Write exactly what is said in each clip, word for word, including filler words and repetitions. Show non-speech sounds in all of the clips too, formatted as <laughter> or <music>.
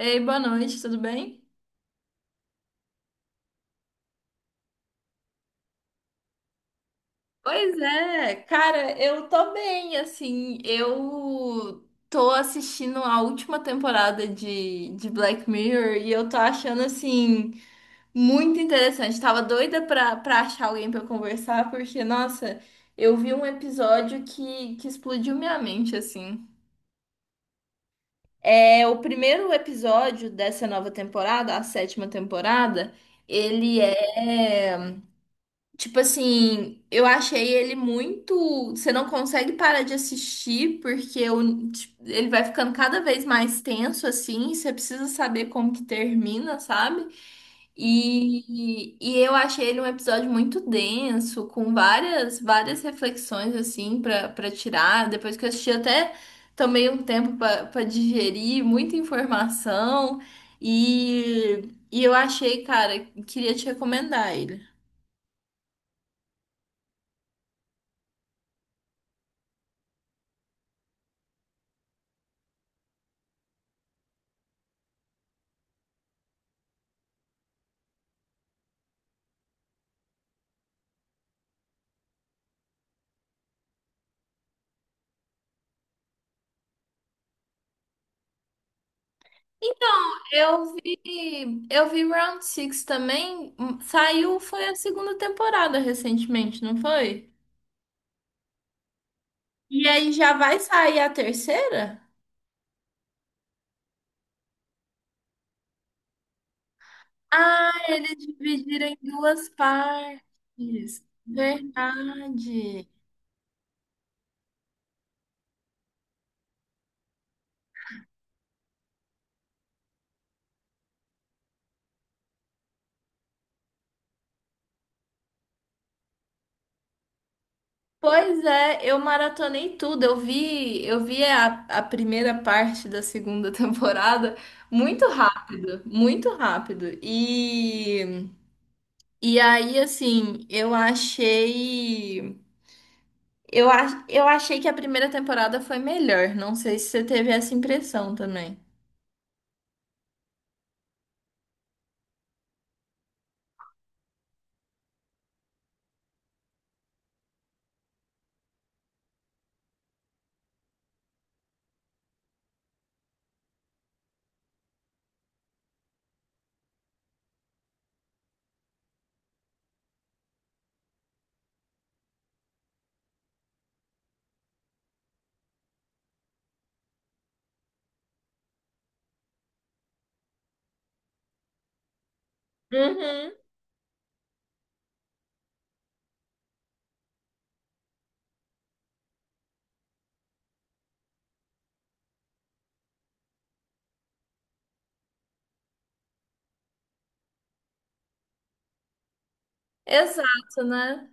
Ei, boa noite, tudo bem? Pois é, cara, eu tô bem, assim, eu tô assistindo a última temporada de, de Black Mirror e eu tô achando, assim, muito interessante. Tava doida pra, pra achar alguém pra conversar, porque, nossa, eu vi um episódio que, que explodiu minha mente, assim. É, o primeiro episódio dessa nova temporada, a sétima temporada, ele é. Tipo assim, eu achei ele muito. Você não consegue parar de assistir, porque o- tipo, ele vai ficando cada vez mais tenso, assim. Você precisa saber como que termina, sabe? E, e eu achei ele um episódio muito denso, com várias, várias reflexões, assim, pra, pra tirar. Depois que eu assisti, até tomei um tempo pra, pra digerir, muita informação. E, e eu achei, cara, queria te recomendar ele. Então, eu vi, eu vi Round Six também. hum, Saiu, foi a segunda temporada recentemente, não foi? E aí já vai sair a terceira? Ah, eles dividiram em duas partes. Verdade. Pois é, eu maratonei tudo. Eu vi, eu vi a, a primeira parte da segunda <laughs> temporada muito rápido, muito rápido. E, e aí, assim, eu achei. Eu, ach- eu achei que a primeira temporada foi melhor. Não sei se você teve essa impressão também. Uhum, exato, né?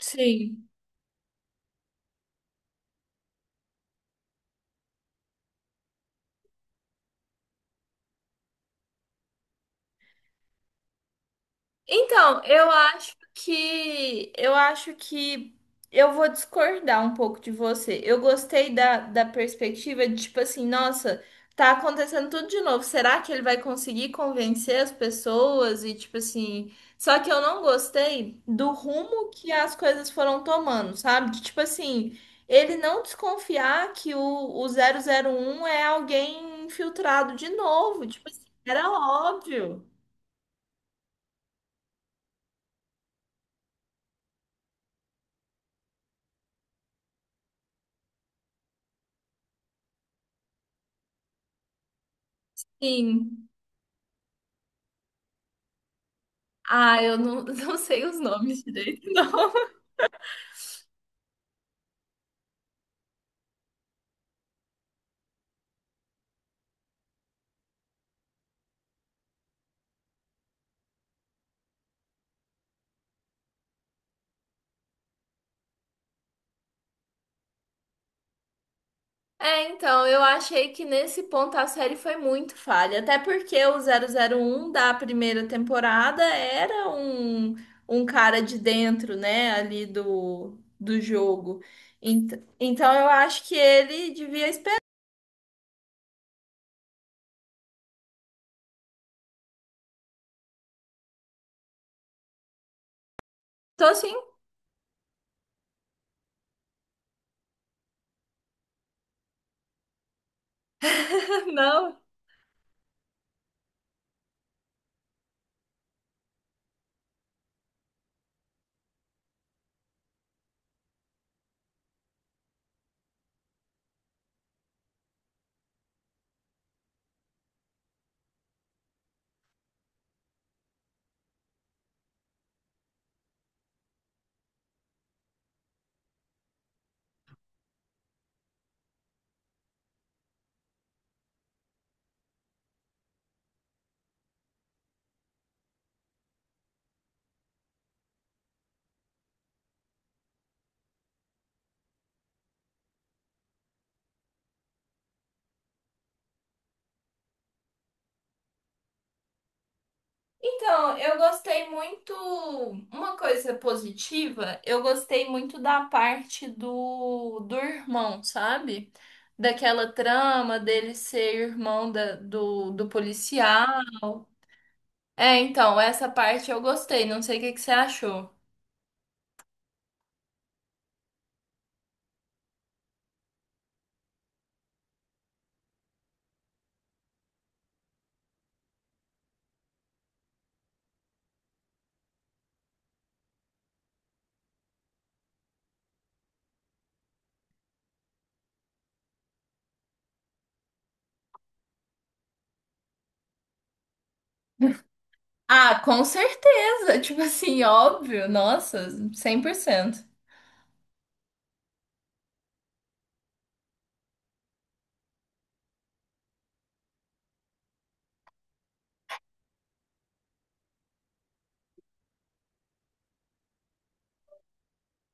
Sim. Então, eu acho que eu acho que eu vou discordar um pouco de você. Eu gostei da, da perspectiva de tipo assim, nossa, tá acontecendo tudo de novo. Será que ele vai conseguir convencer as pessoas? E tipo assim, só que eu não gostei do rumo que as coisas foram tomando, sabe? De, tipo assim, ele não desconfiar que o, o zero zero um é alguém infiltrado de novo. Tipo assim, era óbvio. Sim. Ah, eu não, <laughs> não sei os nomes direito, não. É, então, eu achei que nesse ponto a série foi muito falha. Até porque o zero zero um da primeira temporada era um, um cara de dentro, né, ali do, do jogo. Ent- Então, eu acho que ele devia esperar. Tô sim, <laughs> não. Então, eu gostei muito. Uma coisa positiva, eu gostei muito da parte do, do irmão, sabe? Daquela trama dele ser irmão da- do, do policial. É, então, essa parte eu gostei. Não sei o que que você achou. Ah, com certeza. Tipo assim, óbvio. Nossa, cem por cento.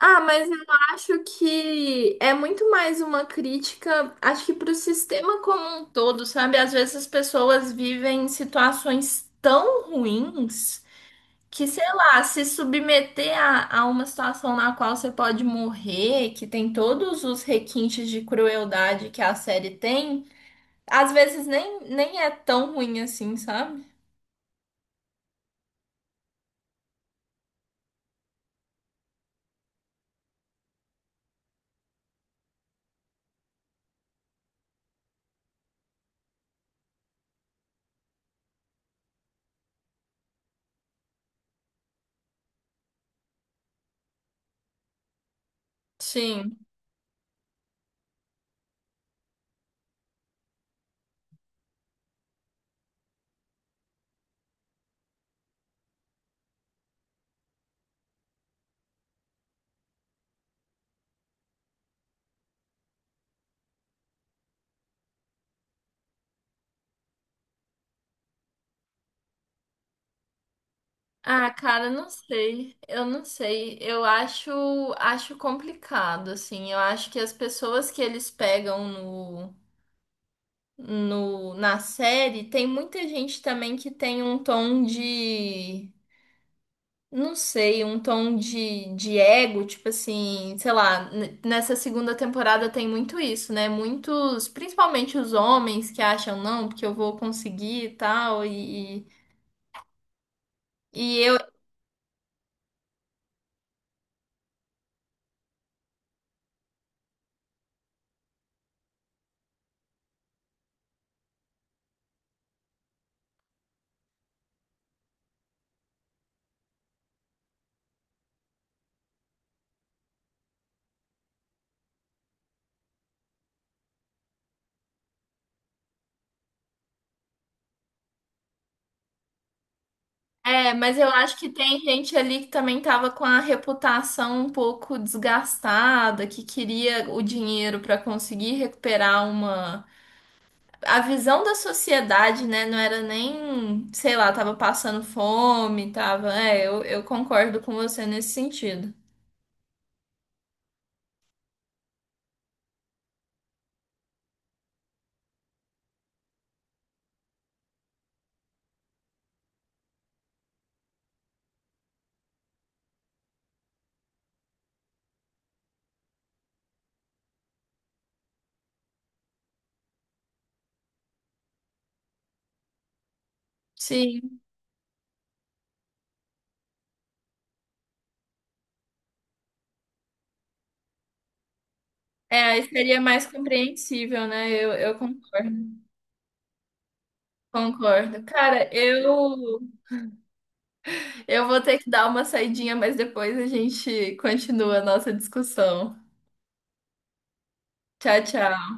Ah, mas eu acho que é muito mais uma crítica, acho que para o sistema como um todo, sabe? Às vezes as pessoas vivem situações tão ruins que, sei lá, se submeter a, a uma situação na qual você pode morrer, que tem todos os requintes de crueldade que a série tem, às vezes nem, nem é tão ruim assim, sabe? Sim. Ah, cara, não sei. Eu não sei. Eu acho, acho complicado, assim. Eu acho que as pessoas que eles pegam no, no, na série, tem muita gente também que tem um tom de, não sei, um tom de, de ego, tipo assim, sei lá, n- nessa segunda temporada tem muito isso, né? Muitos, principalmente os homens que acham, não, porque eu vou conseguir e tal, e e- e eu. É, mas eu acho que tem gente ali que também tava com a reputação um pouco desgastada, que queria o dinheiro para conseguir recuperar uma. A visão da sociedade, né? Não era nem, sei lá, tava passando fome, tava. É, eu, eu concordo com você nesse sentido. Sim. É, aí seria mais compreensível, né? Eu, eu concordo. Concordo. Cara, eu, eu vou ter que dar uma saidinha, mas depois a gente continua a nossa discussão. Tchau, tchau.